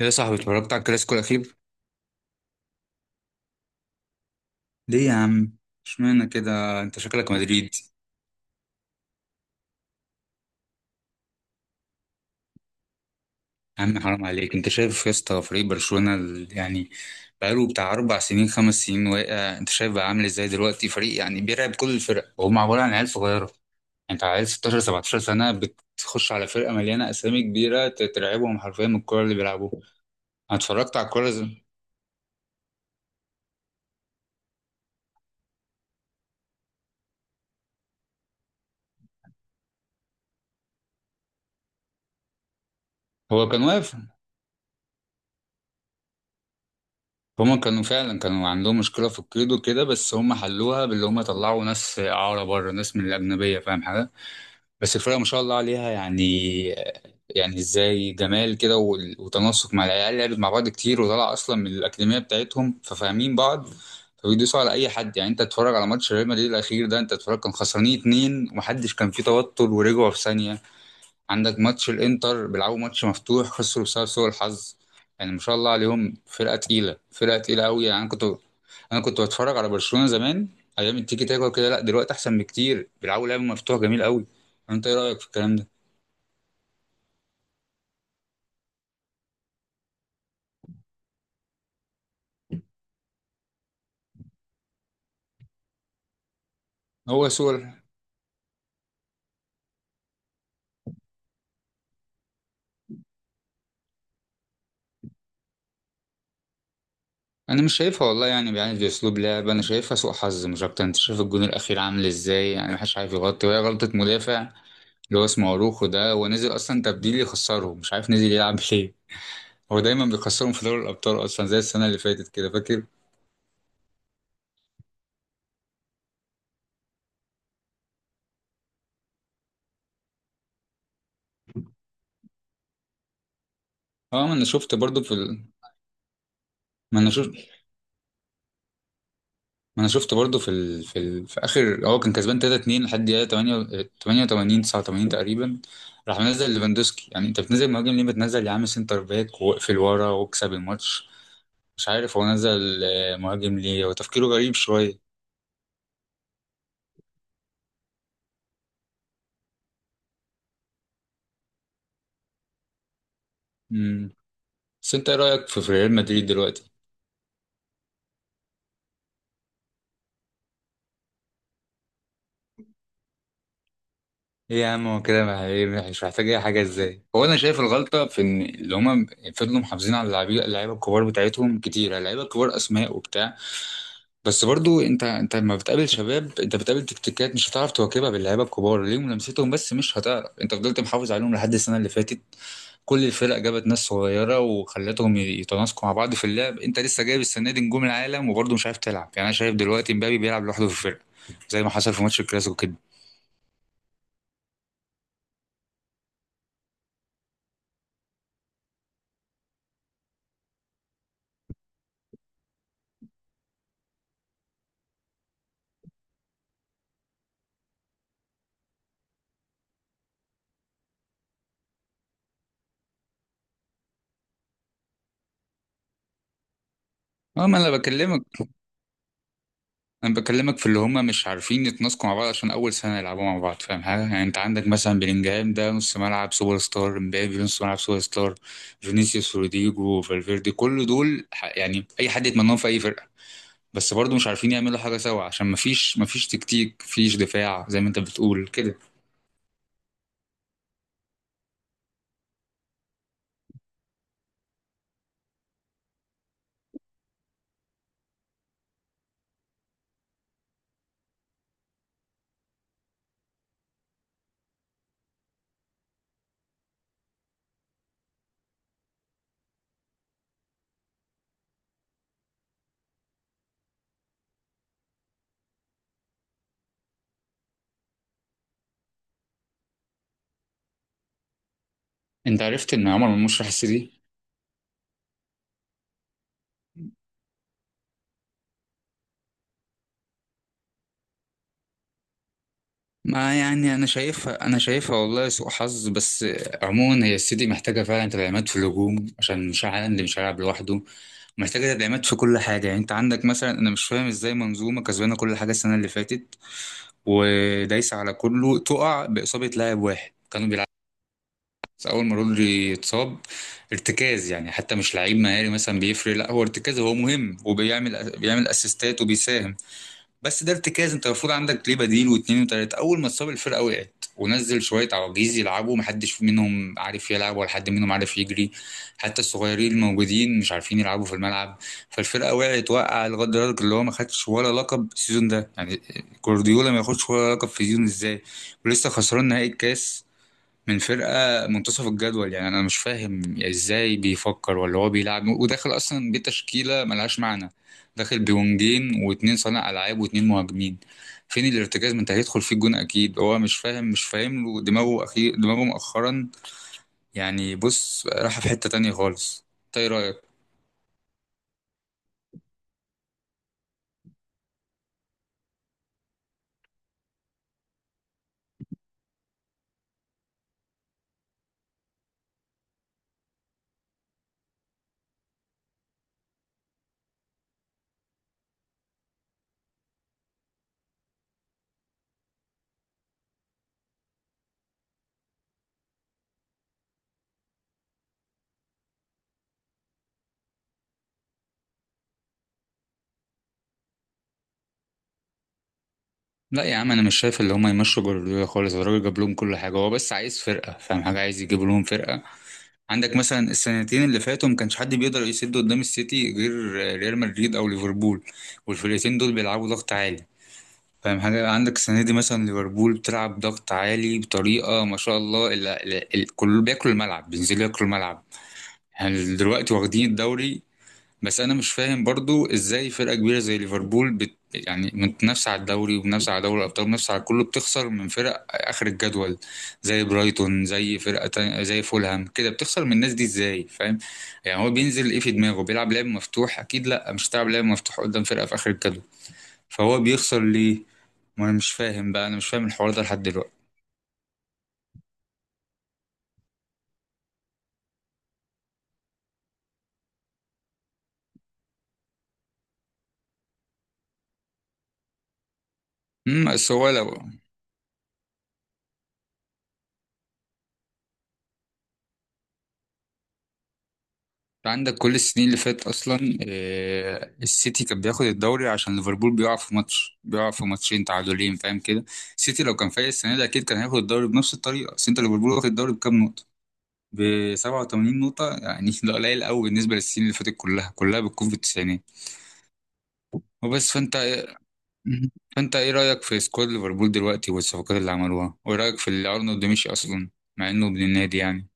يا صاحبي اتفرجت على الكلاسيكو الأخير؟ ليه يا عم؟ اشمعنى كده؟ أنت شكلك مدريد. يا عم حرام عليك، أنت شايف يا اسطى فريق برشلونة يعني بقاله بتاع أربع سنين خمس سنين واقع. أنت شايف بقى عامل إزاي دلوقتي فريق يعني بيرعب كل الفرق، وهم عبارة عن عيال صغيرة. أنت عيال 16 17 سنة بتخش على فرقة مليانة أسامي كبيرة، ترعبهم حرفيا من الكورة اللي بيلعبوها. أنا اتفرجت على الكورة. هو كان واقف. هما كانوا فعلا عندهم مشكلة في القيد وكده، بس هما حلوها باللي هما طلعوا ناس إعارة بره، ناس من الأجنبية، فاهم حاجة؟ بس الفرقة ما شاء الله عليها يعني، يعني ازاي جمال كده وتناسق مع العيال، لعبت مع بعض كتير وطلع أصلا من الأكاديمية بتاعتهم ففاهمين بعض، فبيدوسوا على أي حد. يعني أنت تتفرج على ماتش ريال مدريد الأخير ده، أنت تتفرج كان خسرانين اتنين ومحدش كان فيه توتر ورجعوا في ثانية. عندك ماتش الانتر بيلعبوا ماتش مفتوح خسروا بسبب سوء الحظ. يعني ما شاء الله عليهم، فرقه تقيله، فرقه تقيله قوي. يعني انا كنت بتفرج على برشلونه زمان، ايام التيكي تاكا وكده. لا دلوقتي احسن بكتير، بيلعبوا لعب مفتوح جميل قوي. انت ايه رايك في الكلام ده؟ هو سوء ال- انا مش شايفها والله، يعني دي اسلوب لعب، انا شايفها سوء حظ مش اكتر. انت شايف الجون الاخير عامل ازاي؟ يعني محدش عارف يغطي، وهي غلطه مدافع اللي هو اسمه اروخو ده، هو نزل اصلا تبديل يخسرهم، مش عارف نزل يلعب ليه. هو دايما بيخسرهم في دوري الابطال اصلا، زي السنه اللي فاتت كده فاكر. اه، ما انا شفت برضو في ال... ما انا شفت ما انا شفت برضو في ال... في, ال... في اخر هو كان كسبان 3 2 لحد دقيقه 8، 88، 89 تقريبا. راح منزل ليفاندوسكي، يعني انت بتنزل مهاجم ليه؟ بتنزل يا عم سنتر باك واقفل ورا واكسب الماتش. مش عارف هو نزل مهاجم ليه، هو تفكيره غريب شويه. امم بس انت ايه رايك في ريال مدريد دلوقتي؟ ايه يا عم هو كده مع- إيه، مش محتاج اي حاجه ازاي؟ هو انا شايف الغلطه في ان اللي هما فضلوا محافظين على اللعيبه الكبار بتاعتهم كتير. اللعيبه الكبار اسماء وبتاع، بس برضو انت لما بتقابل شباب انت بتقابل تكتيكات مش هتعرف تواكبها باللعيبه الكبار، ليهم لمستهم بس مش هتعرف. انت فضلت محافظ عليهم لحد السنه اللي فاتت، كل الفرق جابت ناس صغيره وخلتهم يتناسقوا مع بعض في اللعب، انت لسه جايب السنه دي نجوم العالم وبرضو مش عارف تلعب. يعني انا شايف دلوقتي مبابي بيلعب لوحده في الفرقه، زي ما حصل في ماتش الكلاسيكو كده. اه ما انا بكلمك في اللي هم مش عارفين يتناسقوا مع بعض عشان اول سنه يلعبوا مع بعض، فاهم حاجه؟ يعني انت عندك مثلا بلينجهام ده نص ملعب سوبر ستار، امبابي نص ملعب سوبر ستار، فينيسيوس، روديجو، فالفيردي، كل دول يعني اي حد يتمناهم في اي فرقه. بس برضه مش عارفين يعملوا حاجه سوا عشان مفيش تكتيك، مفيش دفاع زي ما انت بتقول كده. انت عرفت ان عمر مرموش راح السيتي؟ ما يعني انا شايفها والله سوء حظ بس. عموما هي السيتي محتاجه فعلا تدعيمات في الهجوم عشان مش عارف، اللي مش هيلعب لوحده. محتاجة تدعيمات في كل حاجة، يعني انت عندك مثلا انا مش فاهم ازاي منظومة كسبانة كل حاجة السنة اللي فاتت ودايسة على كله تقع بإصابة لاعب واحد كانوا بيلعبوا؟ بس اول ما رودري اتصاب، ارتكاز يعني، حتى مش لعيب مهاري مثلا بيفرق، لا هو ارتكاز، هو مهم وبيعمل، بيعمل اسيستات وبيساهم. بس ده ارتكاز، انت المفروض عندك ليه بديل واتنين وتلاته. اول ما اتصاب الفرقه وقعت ونزل شويه عواجيز يلعبوا، محدش منهم عارف يلعب ولا حد منهم عارف يجري. حتى الصغيرين الموجودين مش عارفين يلعبوا في الملعب، فالفرقه وقعت وقع لغايه دلوقتي. اللي هو ما خدش ولا لقب السيزون ده يعني، جوارديولا ما ياخدش ولا لقب في السيزون ازاي؟ ولسه خسران نهائي الكاس من فرقة منتصف الجدول. يعني أنا مش فاهم إزاي بيفكر، ولا هو بيلعب وداخل أصلا بتشكيلة ملهاش معنى، داخل بونجين واتنين صانع ألعاب واتنين مهاجمين، فين الارتكاز؟ ما أنت هيدخل فيه الجون أكيد. هو مش فاهم له دماغه، أخير دماغه مؤخرا يعني بص راح في حتة تانية خالص. أنت إيه رأيك؟ لا يا عم أنا مش شايف اللي هما يمشوا جوارديولا خالص، الراجل جاب لهم كل حاجة، هو بس عايز فرقة، فاهم حاجة؟ عايز يجيب لهم فرقة. عندك مثلا السنتين اللي فاتوا ما كانش حد بيقدر يسد قدام السيتي غير ريال مدريد او ليفربول، والفرقتين دول بيلعبوا ضغط عالي. فاهم حاجة؟ عندك السنة دي مثلا ليفربول بتلعب ضغط عالي بطريقة ما شاء الله، كله بياكل الملعب، بينزلوا ياكلوا الملعب، يعني دلوقتي واخدين الدوري. بس انا مش فاهم برضو ازاي فرقه كبيره زي ليفربول يعني متنافسه على الدوري ومنافسه على دوري الابطال ومنافسه على كله بتخسر من فرق اخر الجدول، زي برايتون، زي فرقه تانية، زي فولهام كده، بتخسر من الناس دي ازاي؟ فاهم؟ يعني هو بينزل ايه في دماغه؟ بيلعب لعب مفتوح اكيد، لا مش هتلعب لعب مفتوح قدام فرقه في اخر الجدول. فهو بيخسر ليه؟ ما انا مش فاهم بقى، انا مش فاهم الحوار ده لحد دلوقتي. بس هو لو، عندك كل السنين اللي فاتت اصلا السيتي كان بياخد الدوري عشان ليفربول بيقع في ماتش، بيقع في ماتشين تعادلين، فاهم كده؟ السيتي لو كان فايق السنه دي اكيد كان هياخد الدوري بنفس الطريقه. بس انت ليفربول واخد الدوري بكام نقطه؟ ب 87 نقطه يعني، ده قليل قوي بالنسبه للسنين اللي فاتت، كلها كلها بتكون في التسعينات. وبس، فانت ايه رايك في سكواد ليفربول دلوقتي والصفقات اللي عملوها، وايه رايك في اللي ارنولد مشي اصلا مع انه ابن النادي يعني؟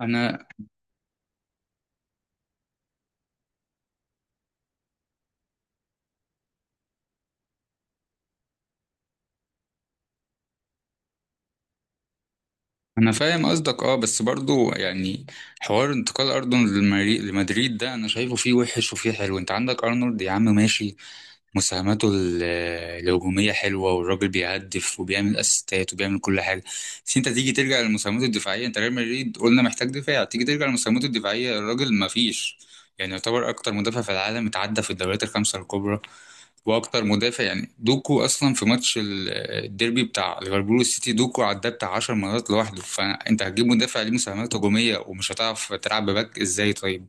انا انا فاهم قصدك اه، بس برضو يعني حوار انتقال ارنولد لمدريد ده انا شايفه فيه وحش وفيه حلو. انت عندك ارنولد يا عم ماشي، مساهماته الهجومية حلوة، والراجل بيهدف وبيعمل اسيستات وبيعمل كل حاجة، بس انت تيجي ترجع للمساهمات الدفاعية، انت ريال مدريد قلنا محتاج دفاع، تيجي ترجع للمساهمات الدفاعية الراجل ما فيش. يعني يعتبر اكتر مدافع في العالم اتعدى في الدوريات الخمسة الكبرى، واكتر مدافع يعني دوكو اصلا في ماتش الديربي بتاع ليفربول والسيتي، دوكو عداه بتاع 10 مرات لوحده. فانت هتجيب مدافع ليه مساهمات هجومية ومش هتعرف تلعب بباك ازاي طيب؟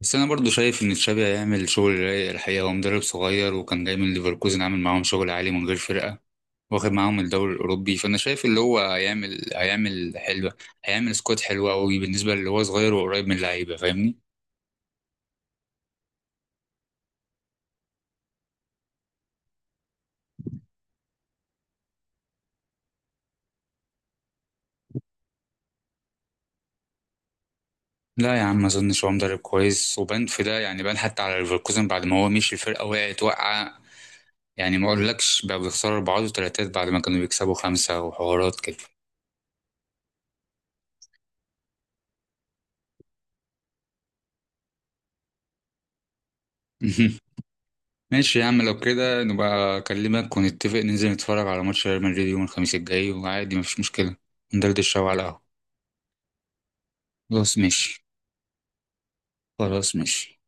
بس انا برضو شايف ان تشابي هيعمل شغل رايق الحقيقه، هو مدرب صغير وكان جاي من ليفركوزن عامل معاهم شغل عالي من غير فرقه، واخد معاهم الدوري الاوروبي، فانا شايف اللي هو هيعمل، حلوه، هيعمل سكواد حلو قوي بالنسبه اللي هو صغير وقريب من اللعيبه، فاهمني؟ لا يا عم ما اظنش، هو مدرب كويس وبان في ده، يعني بان حتى على ليفركوزن، بعد ما هو مشي الفرقه وقعت وقعه، يعني ما اقولكش بقى بيخسروا اربعات وتلاتات بعد ما كانوا بيكسبوا خمسه وحوارات كده. ماشي يا عم، لو كده نبقى أكلمك ونتفق ننزل نتفرج على ماتش ريال مدريد يوم الخميس الجاي، وعادي مفيش مشكلة، ندردش شوية على القهوة. خلاص ماشي. خلاص ماشي.